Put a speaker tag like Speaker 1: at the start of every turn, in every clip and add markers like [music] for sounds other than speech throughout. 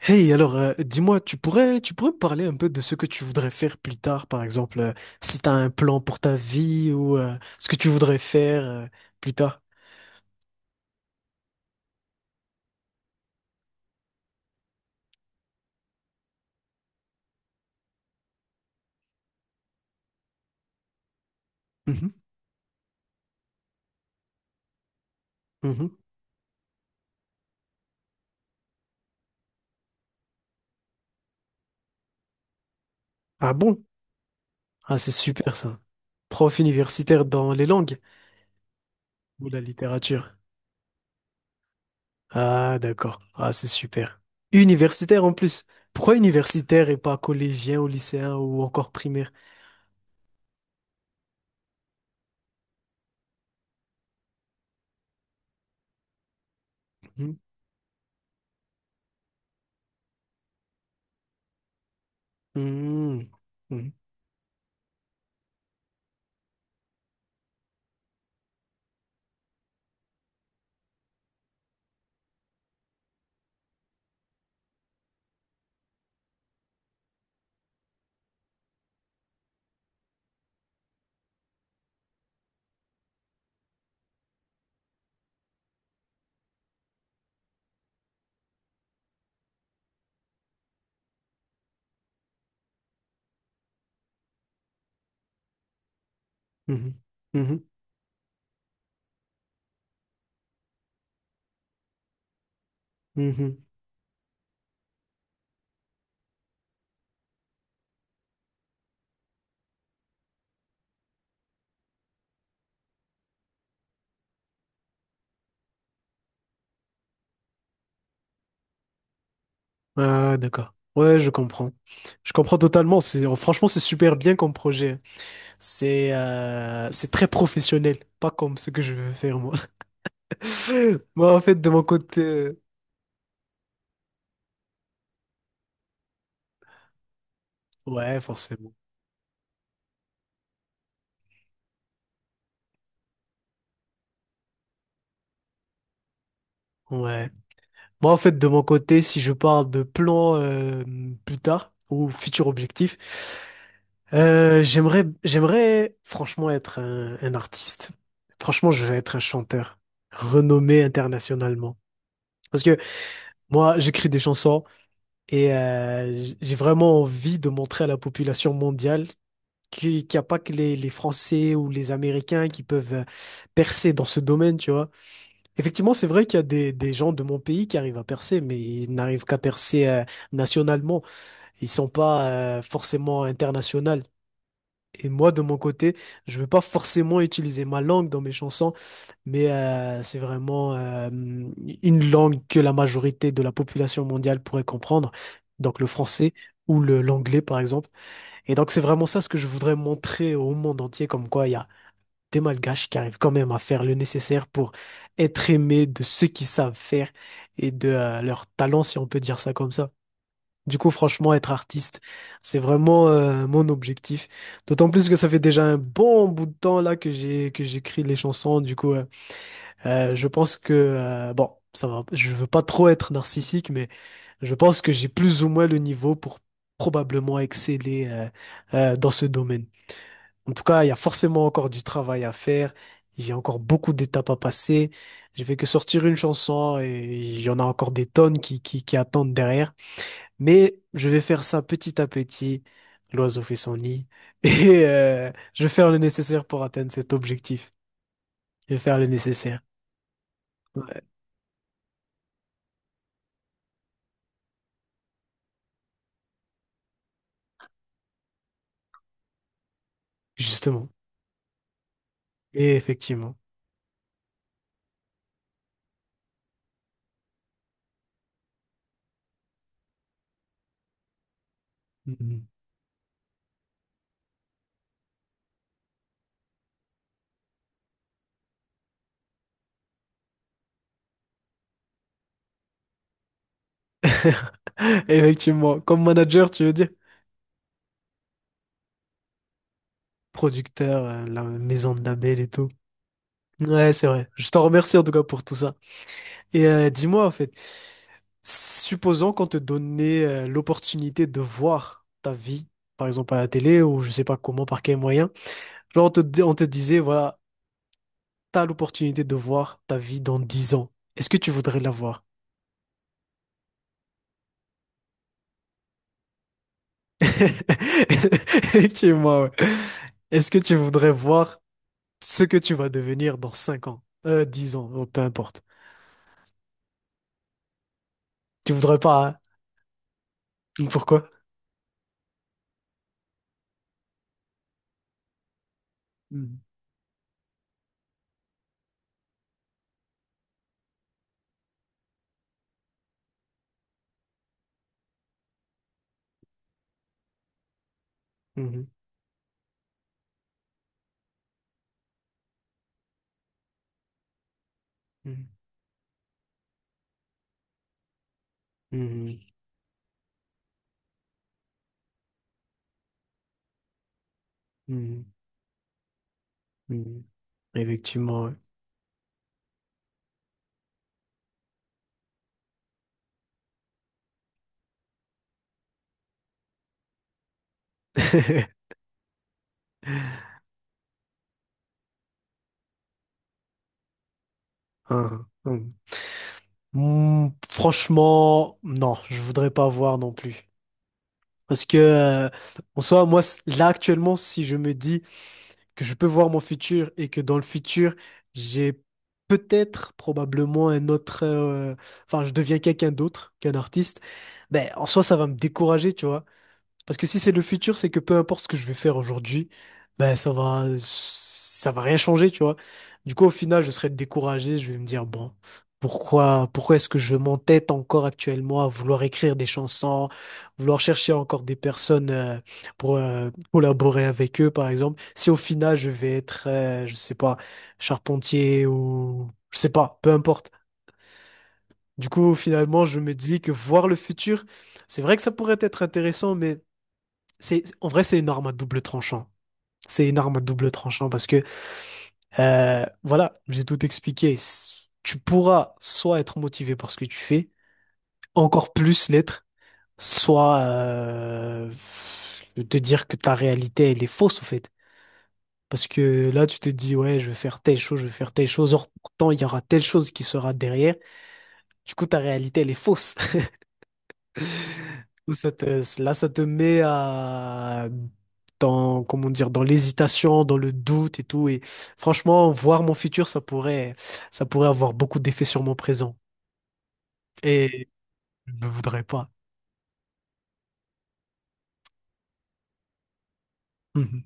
Speaker 1: Hey, alors, dis-moi, tu pourrais me parler un peu de ce que tu voudrais faire plus tard, par exemple, si tu as un plan pour ta vie ou ce que tu voudrais faire plus tard. Mhm, mhm. Ah bon? Ah, c'est super ça. Prof universitaire dans les langues ou la littérature. Ah, d'accord. Ah, c'est super. Universitaire en plus. Pourquoi universitaire et pas collégien ou lycéen ou encore primaire? Mhm. Mhm. Mhm. Mhm. Mhm. Mhm. Ah, d'accord. Ouais, je comprends. Je comprends totalement. C'est, franchement, c'est super bien comme projet, hein. C'est très professionnel, pas comme ce que je veux faire moi. [laughs] Moi, en fait, de mon côté, ouais, forcément. Ouais. Moi, en fait, de mon côté, si je parle de plan plus tard ou futur objectif, j'aimerais franchement être un artiste. Franchement, je vais être un chanteur renommé internationalement. Parce que moi, j'écris des chansons. Et j'ai vraiment envie de montrer à la population mondiale qu'il n'y a pas que les Français ou les Américains qui peuvent percer dans ce domaine, tu vois. Effectivement, c'est vrai qu'il y a des gens de mon pays qui arrivent à percer, mais ils n'arrivent qu'à percer nationalement. Ils sont pas forcément internationaux. Et moi, de mon côté, je ne veux pas forcément utiliser ma langue dans mes chansons, mais c'est vraiment une langue que la majorité de la population mondiale pourrait comprendre, donc le français ou le l'anglais, par exemple. Et donc, c'est vraiment ça ce que je voudrais montrer au monde entier, comme quoi il y a des Malgaches qui arrivent quand même à faire le nécessaire pour être aimés de ceux qui savent faire et de leur talent, si on peut dire ça comme ça. Du coup, franchement, être artiste, c'est vraiment mon objectif. D'autant plus que ça fait déjà un bon bout de temps là que j'écris les chansons. Du coup, je pense que bon, ça va. Je veux pas trop être narcissique, mais je pense que j'ai plus ou moins le niveau pour probablement exceller dans ce domaine. En tout cas, il y a forcément encore du travail à faire. J'ai encore beaucoup d'étapes à passer. J'ai fait que sortir une chanson et il y en a encore des tonnes qui qui attendent derrière. Mais je vais faire ça petit à petit. L'oiseau fait son nid. [laughs] Et je vais faire le nécessaire pour atteindre cet objectif. Je vais faire le nécessaire. Ouais, justement. Et effectivement. Mhm. [laughs] Effectivement. Comme manager, tu veux dire? Producteur, la maison de label et tout. Ouais, c'est vrai. Je t'en remercie en tout cas pour tout ça. Et dis-moi, en fait, supposons qu'on te donnait l'opportunité de voir ta vie, par exemple à la télé ou je sais pas comment, par quel moyen. Genre, on te disait, voilà. T'as l'opportunité de voir ta vie dans 10 ans. Est-ce que tu voudrais la voir? [laughs] Effectivement, ouais. Est-ce que tu voudrais voir ce que tu vas devenir dans 5 ans? 10 ans, oh, peu importe. Tu voudrais pas, hein? Pourquoi? Mhm. Mhm. Mhm. Mhm. Mhm. Effectivement, ouais. [laughs] Hein, hein. Franchement, non, je voudrais pas voir non plus. Parce que, en soi, là, actuellement, si je me dis, que je peux voir mon futur et que dans le futur, j'ai peut-être, probablement un enfin, je deviens quelqu'un d'autre qu'un artiste, ben, en soi, ça va me décourager, tu vois. Parce que si c'est le futur, c'est que peu importe ce que je vais faire aujourd'hui, ça va rien changer, tu vois. Du coup, au final, je serai découragé. Je vais me dire, bon, pourquoi est-ce que je m'entête encore actuellement à vouloir écrire des chansons, vouloir chercher encore des personnes pour collaborer avec eux, par exemple, si au final je vais être, je sais pas, charpentier ou je sais pas, peu importe. Du coup, finalement, je me dis que voir le futur, c'est vrai que ça pourrait être intéressant, mais en vrai, c'est une arme à double tranchant. C'est une arme à double tranchant parce que, voilà, j'ai tout expliqué. Tu pourras soit être motivé par ce que tu fais, encore plus l'être, soit te dire que ta réalité, elle est fausse, au fait. Parce que là, tu te dis, ouais, je vais faire telle chose, je vais faire telle chose. Or, pourtant, il y aura telle chose qui sera derrière. Du coup, ta réalité, elle est fausse. [laughs] Là, ça te met à, dans, comment dire, dans l'hésitation, dans le doute et tout. Et franchement, voir mon futur, ça pourrait avoir beaucoup d'effets sur mon présent. Et je ne voudrais pas. Mhm,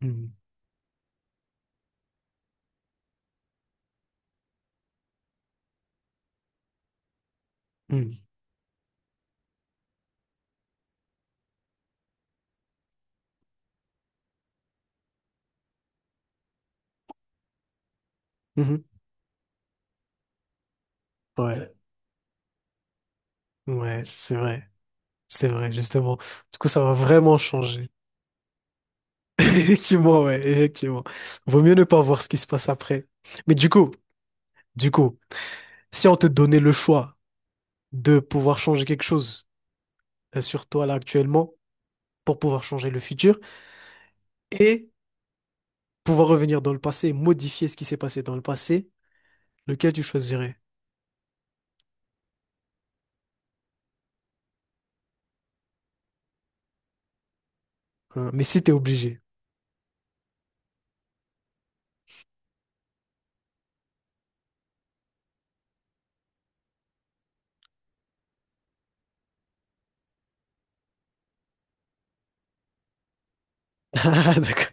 Speaker 1: mhm, mhm, mhm. Ouais, ouais, c'est vrai. C'est vrai, justement. Du coup, ça va vraiment changer. [laughs] Effectivement, ouais, effectivement. Vaut mieux ne pas voir ce qui se passe après. Mais du coup, si on te donnait le choix de pouvoir changer quelque chose sur toi là actuellement, pour pouvoir changer le futur et pouvoir revenir dans le passé, modifier ce qui s'est passé dans le passé, lequel tu choisirais? Hein, mais si t'es obligé. [laughs] Ah, d'accord.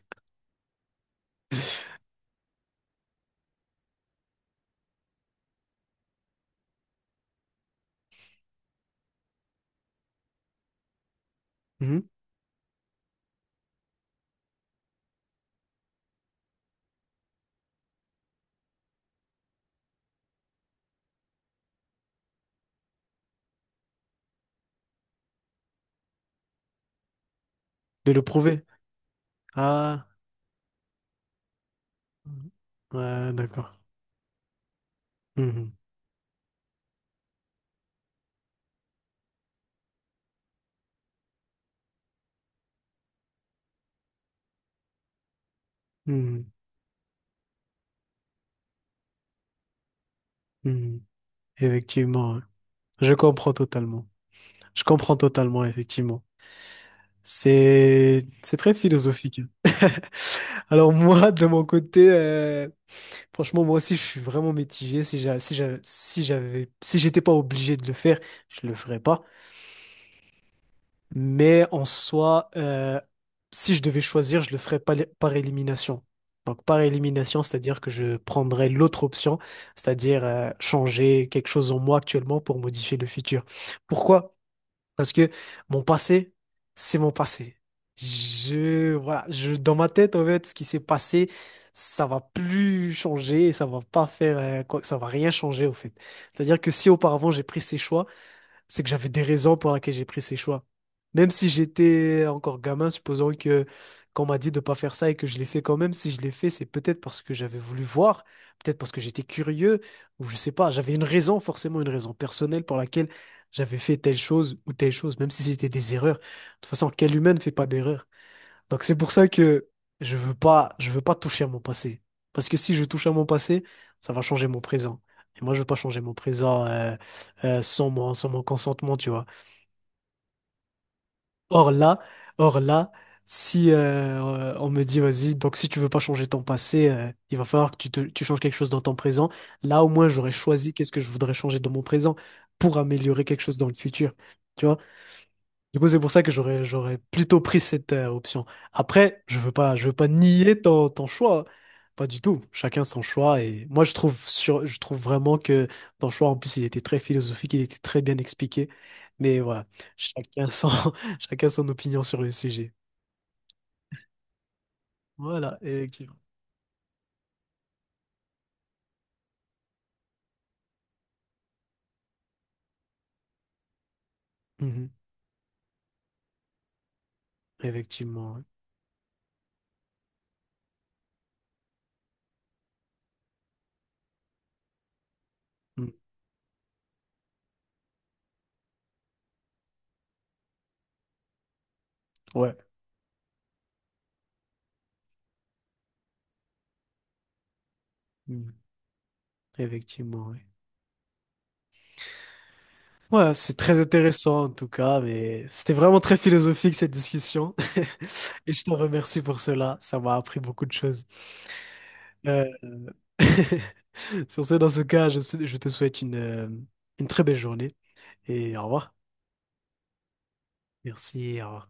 Speaker 1: Mhm. De le prouver. Ah, ouais, d'accord. Mhm. Mhm. Mhm. Effectivement, ouais. Je comprends totalement. Je comprends totalement, effectivement. C'est très philosophique, hein. [laughs] Alors moi, de mon côté, franchement, moi aussi, je suis vraiment mitigé. Si j'étais pas obligé de le faire, je le ferais pas. Mais en soi, si je devais choisir, je le ferais pas par élimination. Donc par élimination, c'est-à-dire que je prendrais l'autre option, c'est-à-dire changer quelque chose en moi actuellement pour modifier le futur. Pourquoi? Parce que mon passé, c'est mon passé. Dans ma tête, en fait, ce qui s'est passé, ça va plus changer et ça va pas faire, ça va rien changer, au fait. C'est-à-dire que si auparavant j'ai pris ces choix, c'est que j'avais des raisons pour lesquelles j'ai pris ces choix. Même si j'étais encore gamin, supposons que qu'on m'a dit de pas faire ça et que je l'ai fait quand même, si je l'ai fait, c'est peut-être parce que j'avais voulu voir, peut-être parce que j'étais curieux, ou je sais pas, j'avais une raison, forcément une raison personnelle pour laquelle j'avais fait telle chose ou telle chose, même si c'était des erreurs. De toute façon, quel humain ne fait pas d'erreur? Donc c'est pour ça que je veux pas toucher à mon passé. Parce que si je touche à mon passé, ça va changer mon présent. Et moi, je veux pas changer mon présent sans sans mon consentement, tu vois. Or là, or là, si on me dit, vas-y, donc si tu veux pas changer ton passé, il va falloir que tu changes quelque chose dans ton présent. Là, au moins, j'aurais choisi qu'est-ce que je voudrais changer dans mon présent pour améliorer quelque chose dans le futur. Tu vois. Du coup, c'est pour ça que j'aurais plutôt pris cette option. Après, je veux pas nier ton choix, hein. Pas du tout. Chacun son choix et moi je trouve vraiment que ton choix en plus il était très philosophique, il était très bien expliqué. Mais voilà, chacun son [laughs] chacun son opinion sur le sujet. Voilà, effectivement. Mhm. Effectivement, ouais. Mm. Ouais. Mm. Effectivement, ouais. Ouais, c'est très intéressant en tout cas, mais c'était vraiment très philosophique cette discussion. [laughs] Et je t'en remercie pour cela, ça m'a appris beaucoup de choses. Euh, [laughs] sur ce, dans ce cas, je te souhaite une très belle journée et au revoir. Merci, au revoir.